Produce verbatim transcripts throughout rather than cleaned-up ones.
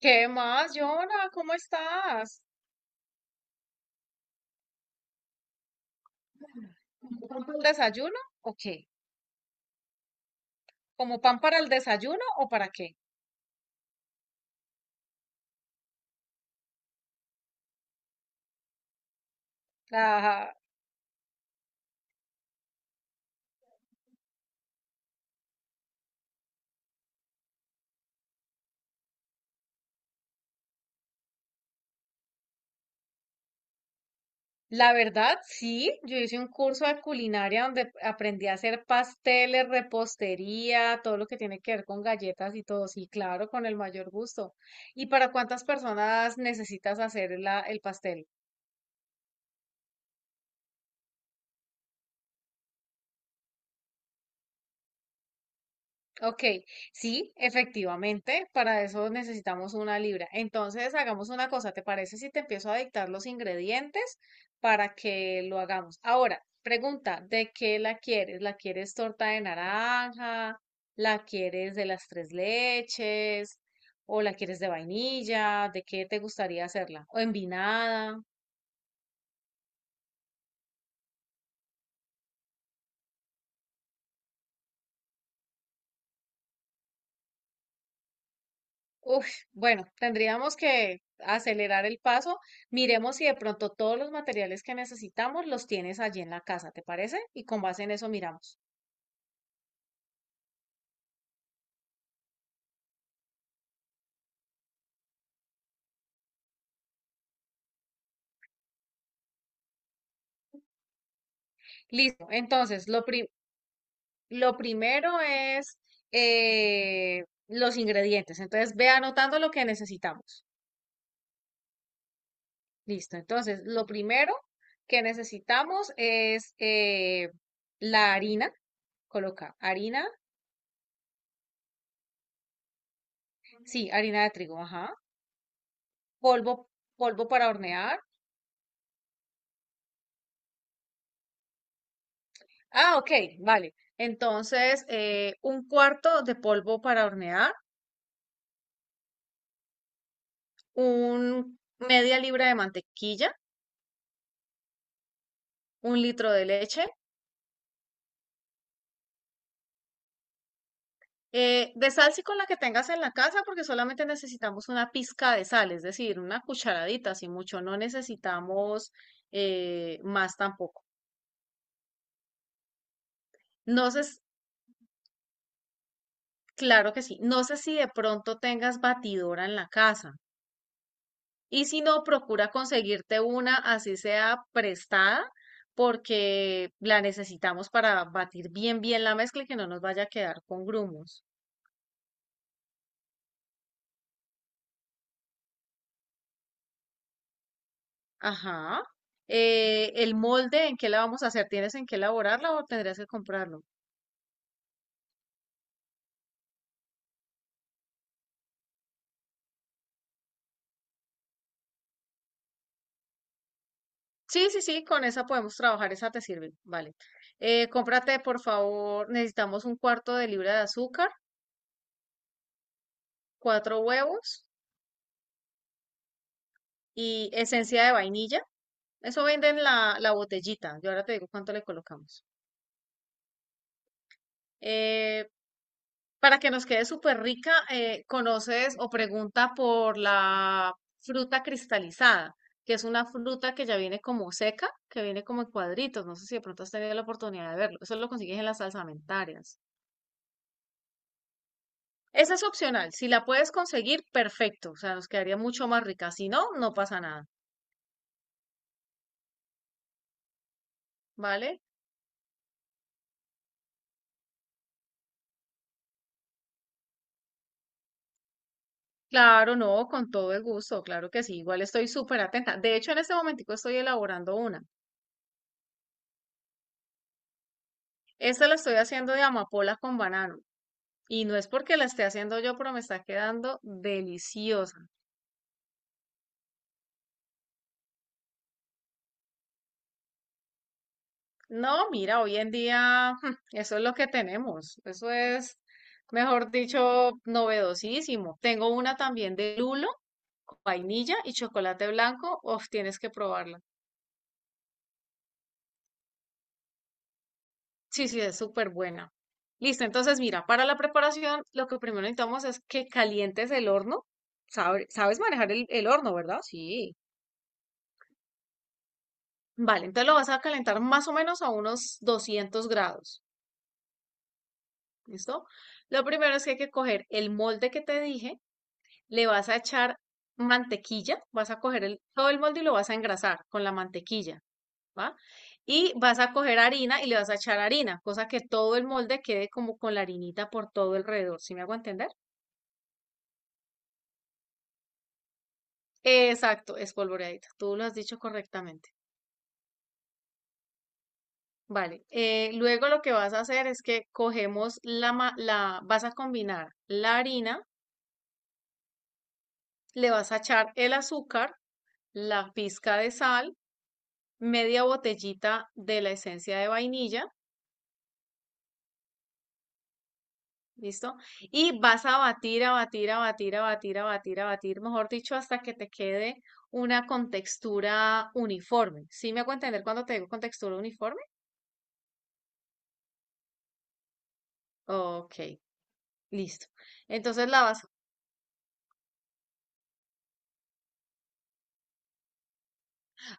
¿Qué más, Yona? ¿Cómo estás? ¿Pan para el desayuno o qué? ¿Como pan para el desayuno o para qué? La, la verdad, sí, yo hice un curso de culinaria donde aprendí a hacer pasteles, repostería, todo lo que tiene que ver con galletas y todo. Sí, claro, con el mayor gusto. ¿Y para cuántas personas necesitas hacer la- el pastel? Ok, sí, efectivamente, para eso necesitamos una libra. Entonces, hagamos una cosa, ¿te parece si te empiezo a dictar los ingredientes para que lo hagamos? Ahora, pregunta, ¿de qué la quieres? ¿La quieres torta de naranja? ¿La quieres de las tres leches? ¿O la quieres de vainilla? ¿De qué te gustaría hacerla? ¿O envinada? Uf, bueno, tendríamos que acelerar el paso. Miremos si de pronto todos los materiales que necesitamos los tienes allí en la casa, ¿te parece? Y con base en eso miramos. Listo. Entonces, lo pri- lo primero es eh, los ingredientes. Entonces, ve anotando lo que necesitamos. Listo. Entonces, lo primero que necesitamos es eh, la harina. Coloca harina, sí, harina de trigo, ajá. Polvo, polvo para hornear. Ah, ok, vale. Entonces, eh, un cuarto de polvo para hornear, un media libra de mantequilla, un litro de leche, eh, de sal sí con la que tengas en la casa, porque solamente necesitamos una pizca de sal, es decir, una cucharadita, si mucho, no necesitamos eh, más tampoco. No sé, s- claro que sí. No sé si de pronto tengas batidora en la casa. Y si no, procura conseguirte una, así sea prestada, porque la necesitamos para batir bien, bien la mezcla y que no nos vaya a quedar con grumos. Ajá. Eh, el molde, ¿en qué la vamos a hacer? ¿Tienes en qué elaborarla o tendrías que comprarlo? Sí, sí, sí, con esa podemos trabajar, esa te sirve. Vale. Eh, cómprate, por favor, necesitamos un cuarto de libra de azúcar, cuatro huevos y esencia de vainilla. Eso venden la, la botellita. Yo ahora te digo cuánto le colocamos. Eh, para que nos quede súper rica, eh, conoces o pregunta por la fruta cristalizada, que es una fruta que ya viene como seca, que viene como en cuadritos. No sé si de pronto has tenido la oportunidad de verlo. Eso lo consigues en las salsamentarias. Esa es opcional. Si la puedes conseguir, perfecto. O sea, nos quedaría mucho más rica. Si no, no pasa nada, ¿vale? Claro, no, con todo el gusto, claro que sí. Igual estoy súper atenta. De hecho, en este momentico estoy elaborando una. Esta la estoy haciendo de amapola con banano. Y no es porque la esté haciendo yo, pero me está quedando deliciosa. No, mira, hoy en día eso es lo que tenemos. Eso es, mejor dicho, novedosísimo. Tengo una también de lulo, con vainilla y chocolate blanco. Uf, tienes que probarla. Sí, sí, es súper buena. Listo, entonces mira, para la preparación lo que primero necesitamos es que calientes el horno. Sabe- sabes manejar el, el horno, ¿verdad? Sí. Vale, entonces lo vas a calentar más o menos a unos doscientos grados. ¿Listo? Lo primero es que hay que coger el molde que te dije, le vas a echar mantequilla, vas a coger el- todo el molde y lo vas a engrasar con la mantequilla, ¿va? Y vas a coger harina y le vas a echar harina, cosa que todo el molde quede como con la harinita por todo alrededor, ¿sí me hago entender? Exacto, espolvoreadita, tú lo has dicho correctamente. Vale, eh, luego lo que vas a hacer es que cogemos la, la, vas a combinar la harina, le vas a echar el azúcar, la pizca de sal, media botellita de la esencia de vainilla, ¿listo? Y vas a batir, a batir, a batir, a batir, a batir, a batir, mejor dicho, hasta que te quede una contextura uniforme. ¿Sí me hago entender cuando te digo contextura uniforme? Ok, listo. Entonces la vas...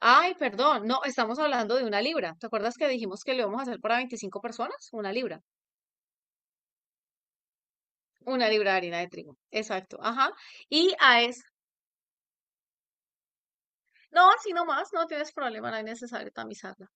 Ay, perdón, no, estamos hablando de una libra. ¿Te acuerdas que dijimos que lo íbamos a hacer para veinticinco personas? Una libra. Una libra de harina de trigo. Exacto, ajá. Y a es... No, así nomás, no tienes problema, no es necesario tamizarla.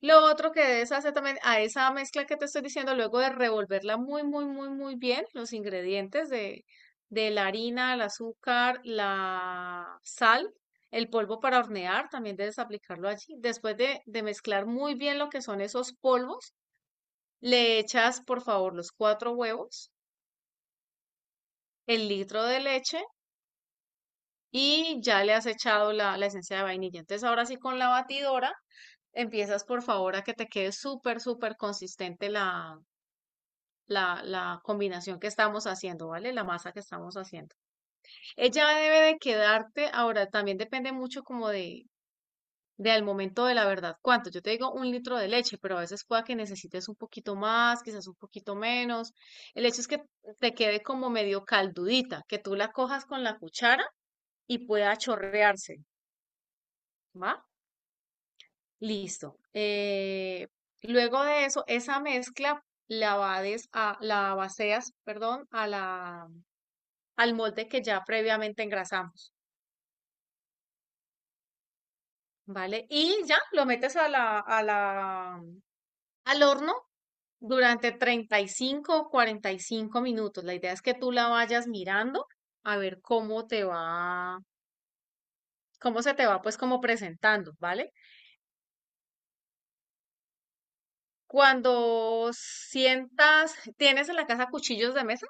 Lo otro que debes hacer también a esa mezcla que te estoy diciendo, luego de revolverla muy, muy, muy, muy bien, los ingredientes de, de la harina, el azúcar, la sal, el polvo para hornear, también debes aplicarlo allí. Después de, de mezclar muy bien lo que son esos polvos, le echas, por favor, los cuatro huevos, el litro de leche y ya le has echado la, la esencia de vainilla. Entonces, ahora sí con la batidora, empiezas, por favor, a que te quede súper, súper consistente la la, la combinación que estamos haciendo, ¿vale? La masa que estamos haciendo. Ella debe de quedarte, ahora también depende mucho como de, de al momento de la verdad, cuánto. Yo te digo un litro de leche, pero a veces pueda que necesites un poquito más, quizás un poquito menos. El hecho es que te quede como medio caldudita, que tú la cojas con la cuchara y pueda chorrearse, ¿va? Listo. Eh, luego de eso, esa mezcla la vades a, la vaceas, perdón, a la al molde que ya previamente engrasamos, ¿vale? Y ya lo metes a la, a la, al horno durante treinta y cinco o cuarenta y cinco minutos. La idea es que tú la vayas mirando a ver cómo te va, cómo se te va pues como presentando, ¿vale? Cuando sientas, tienes en la casa cuchillos de mesa.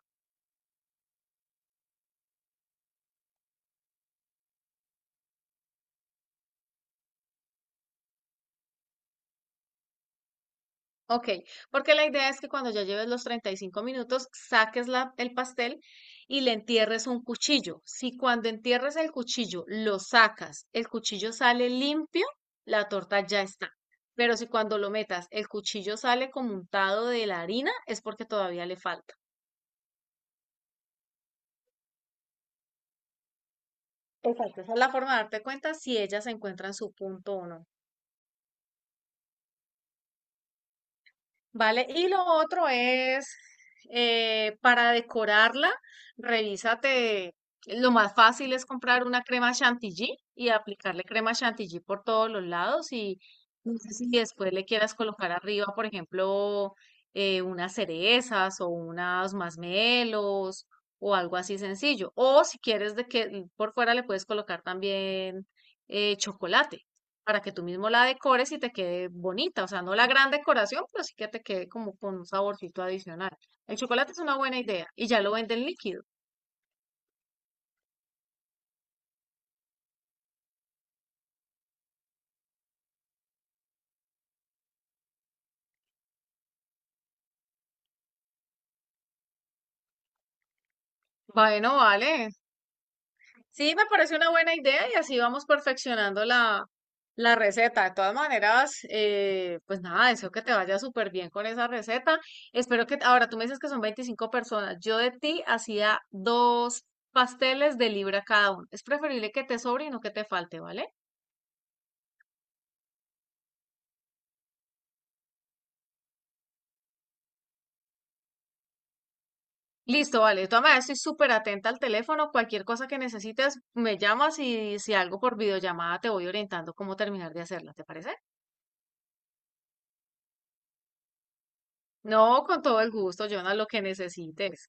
Ok, porque la idea es que cuando ya lleves los treinta y cinco minutos, saques la- el pastel y le entierres un cuchillo. Si cuando entierres el cuchillo lo sacas, el cuchillo sale limpio, la torta ya está. Pero si cuando lo metas, el cuchillo sale como untado de la harina, es porque todavía le falta. Exacto. Esa es la forma de darte cuenta si ella se encuentra en su punto o no. Vale, y lo otro es eh, para decorarla, revísate. Lo más fácil es comprar una crema chantilly y aplicarle crema chantilly por todos los lados. Y no sé si después le quieras colocar arriba, por ejemplo, eh, unas cerezas o unas masmelos o algo así sencillo. O si quieres de que por fuera le puedes colocar también eh, chocolate para que tú mismo la decores y te quede bonita. O sea, no la gran decoración, pero sí que te quede como con un saborcito adicional. El chocolate es una buena idea y ya lo venden líquido. Bueno, vale. Sí, me parece una buena idea y así vamos perfeccionando la, la receta. De todas maneras, eh, pues nada, deseo que te vaya súper bien con esa receta. Espero que, ahora tú me dices que son veinticinco personas. Yo de ti hacía dos pasteles de libra cada uno. Es preferible que te sobre y no que te falte, ¿vale? Listo, vale. De todas maneras, estoy súper atenta al teléfono. Cualquier cosa que necesites, me llamas y si algo por videollamada te voy orientando cómo terminar de hacerla, ¿te parece? No, con todo el gusto, Jonah, lo que necesites.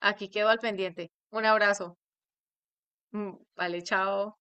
Aquí quedo al pendiente. Un abrazo. Mm, vale, chao.